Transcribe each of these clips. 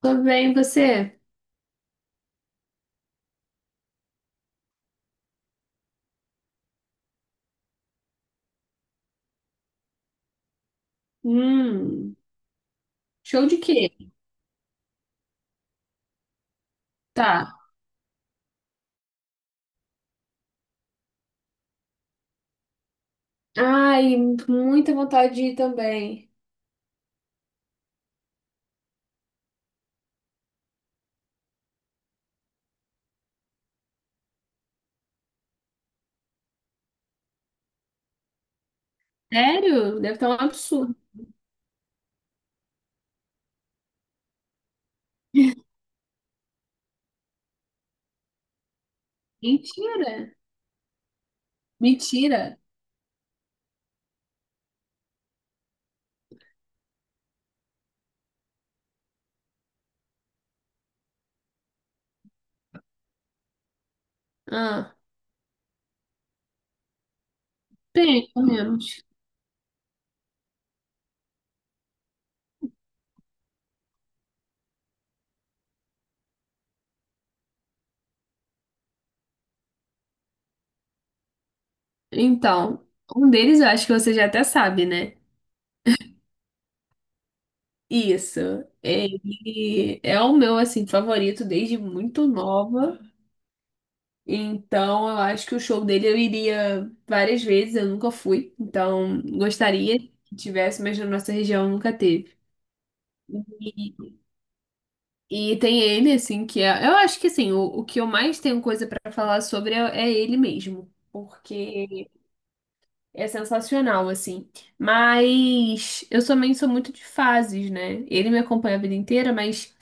Tudo bem, você? Hum, show de quê? Tá. Ai, muita vontade de ir também. Sério? Deve estar um absurdo. Mentira. Mentira. Ah, bem, pelo menos. Então, um deles eu acho que você já até sabe, né? Isso. Ele é o meu, assim, favorito desde muito nova. Então, eu acho que o show dele eu iria várias vezes, eu nunca fui. Então, gostaria que tivesse, mas na nossa região nunca teve. E, e tem ele, assim, que é. Eu acho que, assim, o, que eu mais tenho coisa pra falar sobre é, ele mesmo. Porque é sensacional, assim. Mas eu também sou muito de fases, né? Ele me acompanha a vida inteira, mas.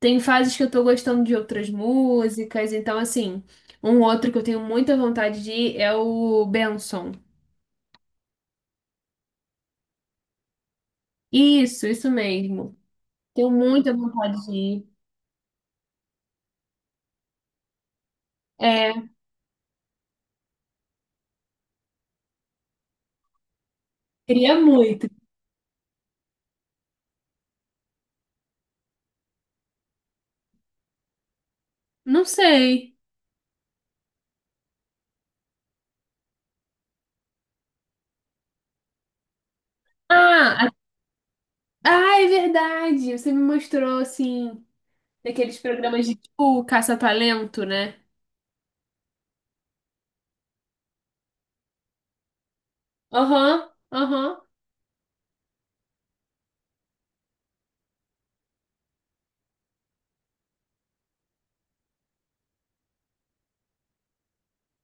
Tem fases que eu tô gostando de outras músicas, então assim, um outro que eu tenho muita vontade de ir é o Benson. Isso mesmo. Tenho muita vontade de ir. É, queria muito. Não sei. Ah, a- ah, é verdade. Você me mostrou assim, daqueles programas de tipo caça-talento, né? Aham, aham.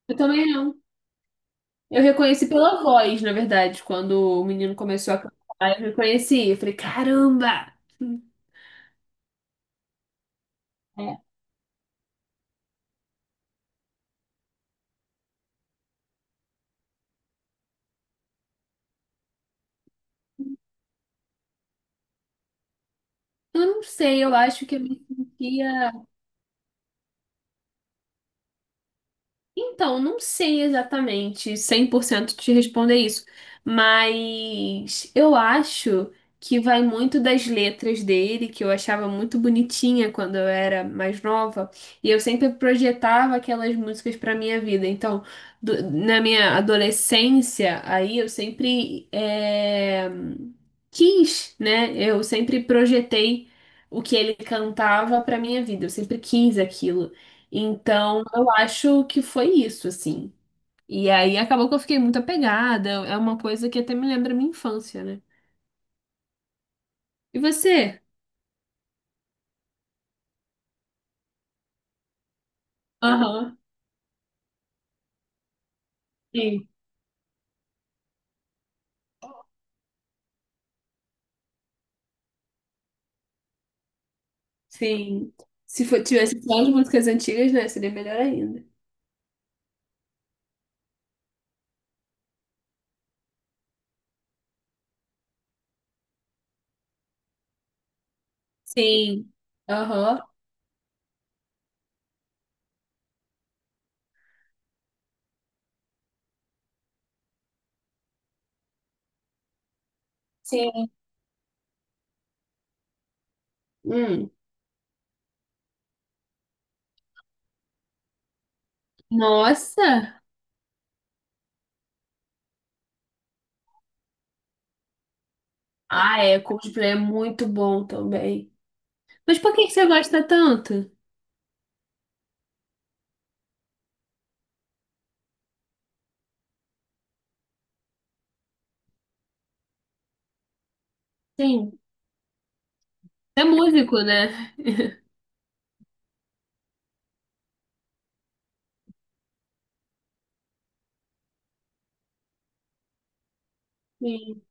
Eu também não. Eu reconheci pela voz, na verdade, quando o menino começou a cantar, eu reconheci. Eu falei, caramba! Eu não sei, eu acho que eu me sentia. Então, não sei exatamente 100% te responder isso, mas eu acho que vai muito das letras dele, que eu achava muito bonitinha quando eu era mais nova, e eu sempre projetava aquelas músicas para minha vida. Então, na minha adolescência, aí eu sempre quis, né? Eu sempre projetei o que ele cantava para minha vida, eu sempre quis aquilo. Então, eu acho que foi isso, assim. E aí acabou que eu fiquei muito apegada. É uma coisa que até me lembra a minha infância, né? E você? Aham. Sim, sim. Se for- Tivesse só as músicas antigas, né? Seria melhor ainda. Sim. Aham. Sim. Hum. Nossa! Ah, é. Coldplay é muito bom também. Mas por que que você gosta tanto? Sim. É músico, né? Sim.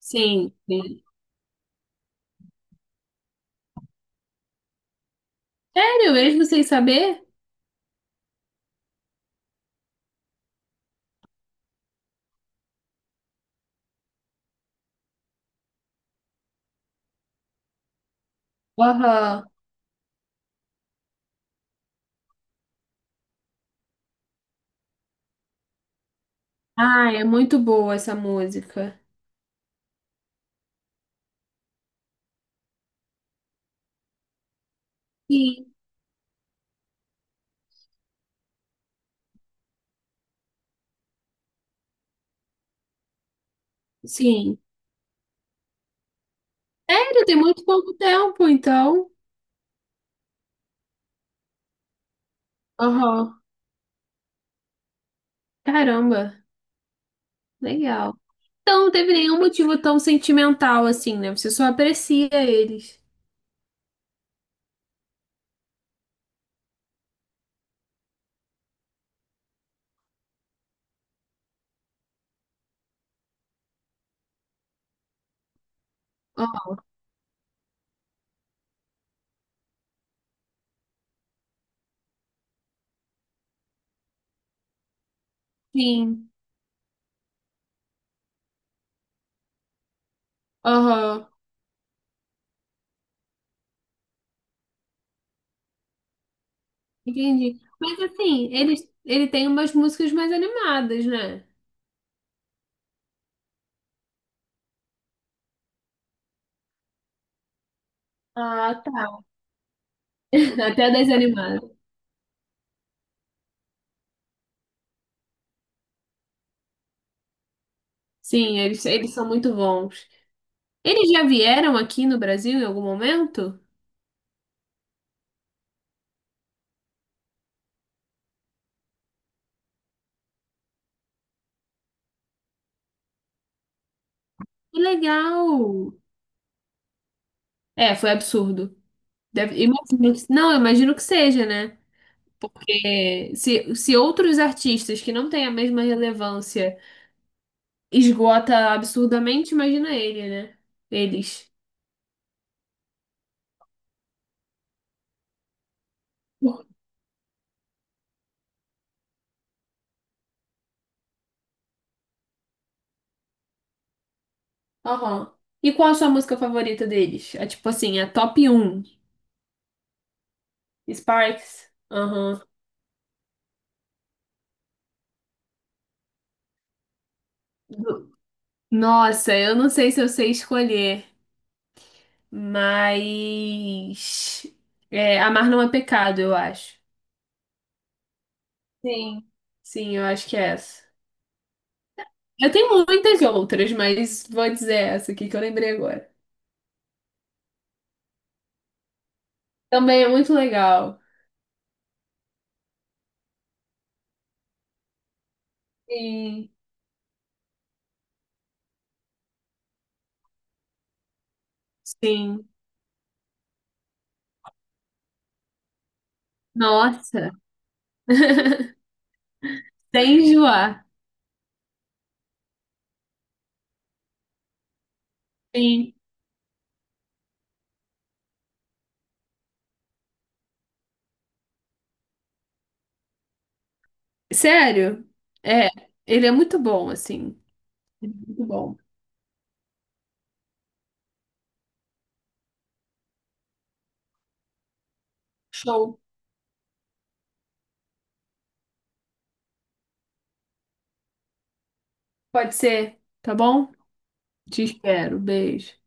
Sim, sim. Sério, mesmo sem saber? Aham. Ah, é muito boa essa música. Sim, sim. Sério, tem muito pouco tempo, então. Aham. Caramba, legal. Então, não teve nenhum motivo tão sentimental assim, né? Você só aprecia eles. Aham, sim. Aham. Entendi. Mas assim, ele tem umas músicas mais animadas, né? Ah, tá. Até das animadas. Sim, eles são muito bons. Eles já vieram aqui no Brasil em algum momento? Que legal! É, foi absurdo. Deve, imagino não, eu imagino que seja, né? É, se outros artistas que não têm a mesma relevância esgota absurdamente, imagina ele, né? Eles. Aham. E qual a sua música favorita deles? É tipo assim, a top 1. Sparks? Aham. Do- Nossa, eu não sei se eu sei escolher, mas. É, Amar não é pecado, eu acho. Sim. Sim, eu acho que é essa. Eu tenho muitas outras, mas vou dizer essa aqui que eu lembrei agora. Também é muito legal. Sim, sim. Nossa. Sem enjoar. Sim. Sério? É, ele é muito bom, assim. Ele é muito bom. Show. Pode ser, tá bom? Te espero. Beijo.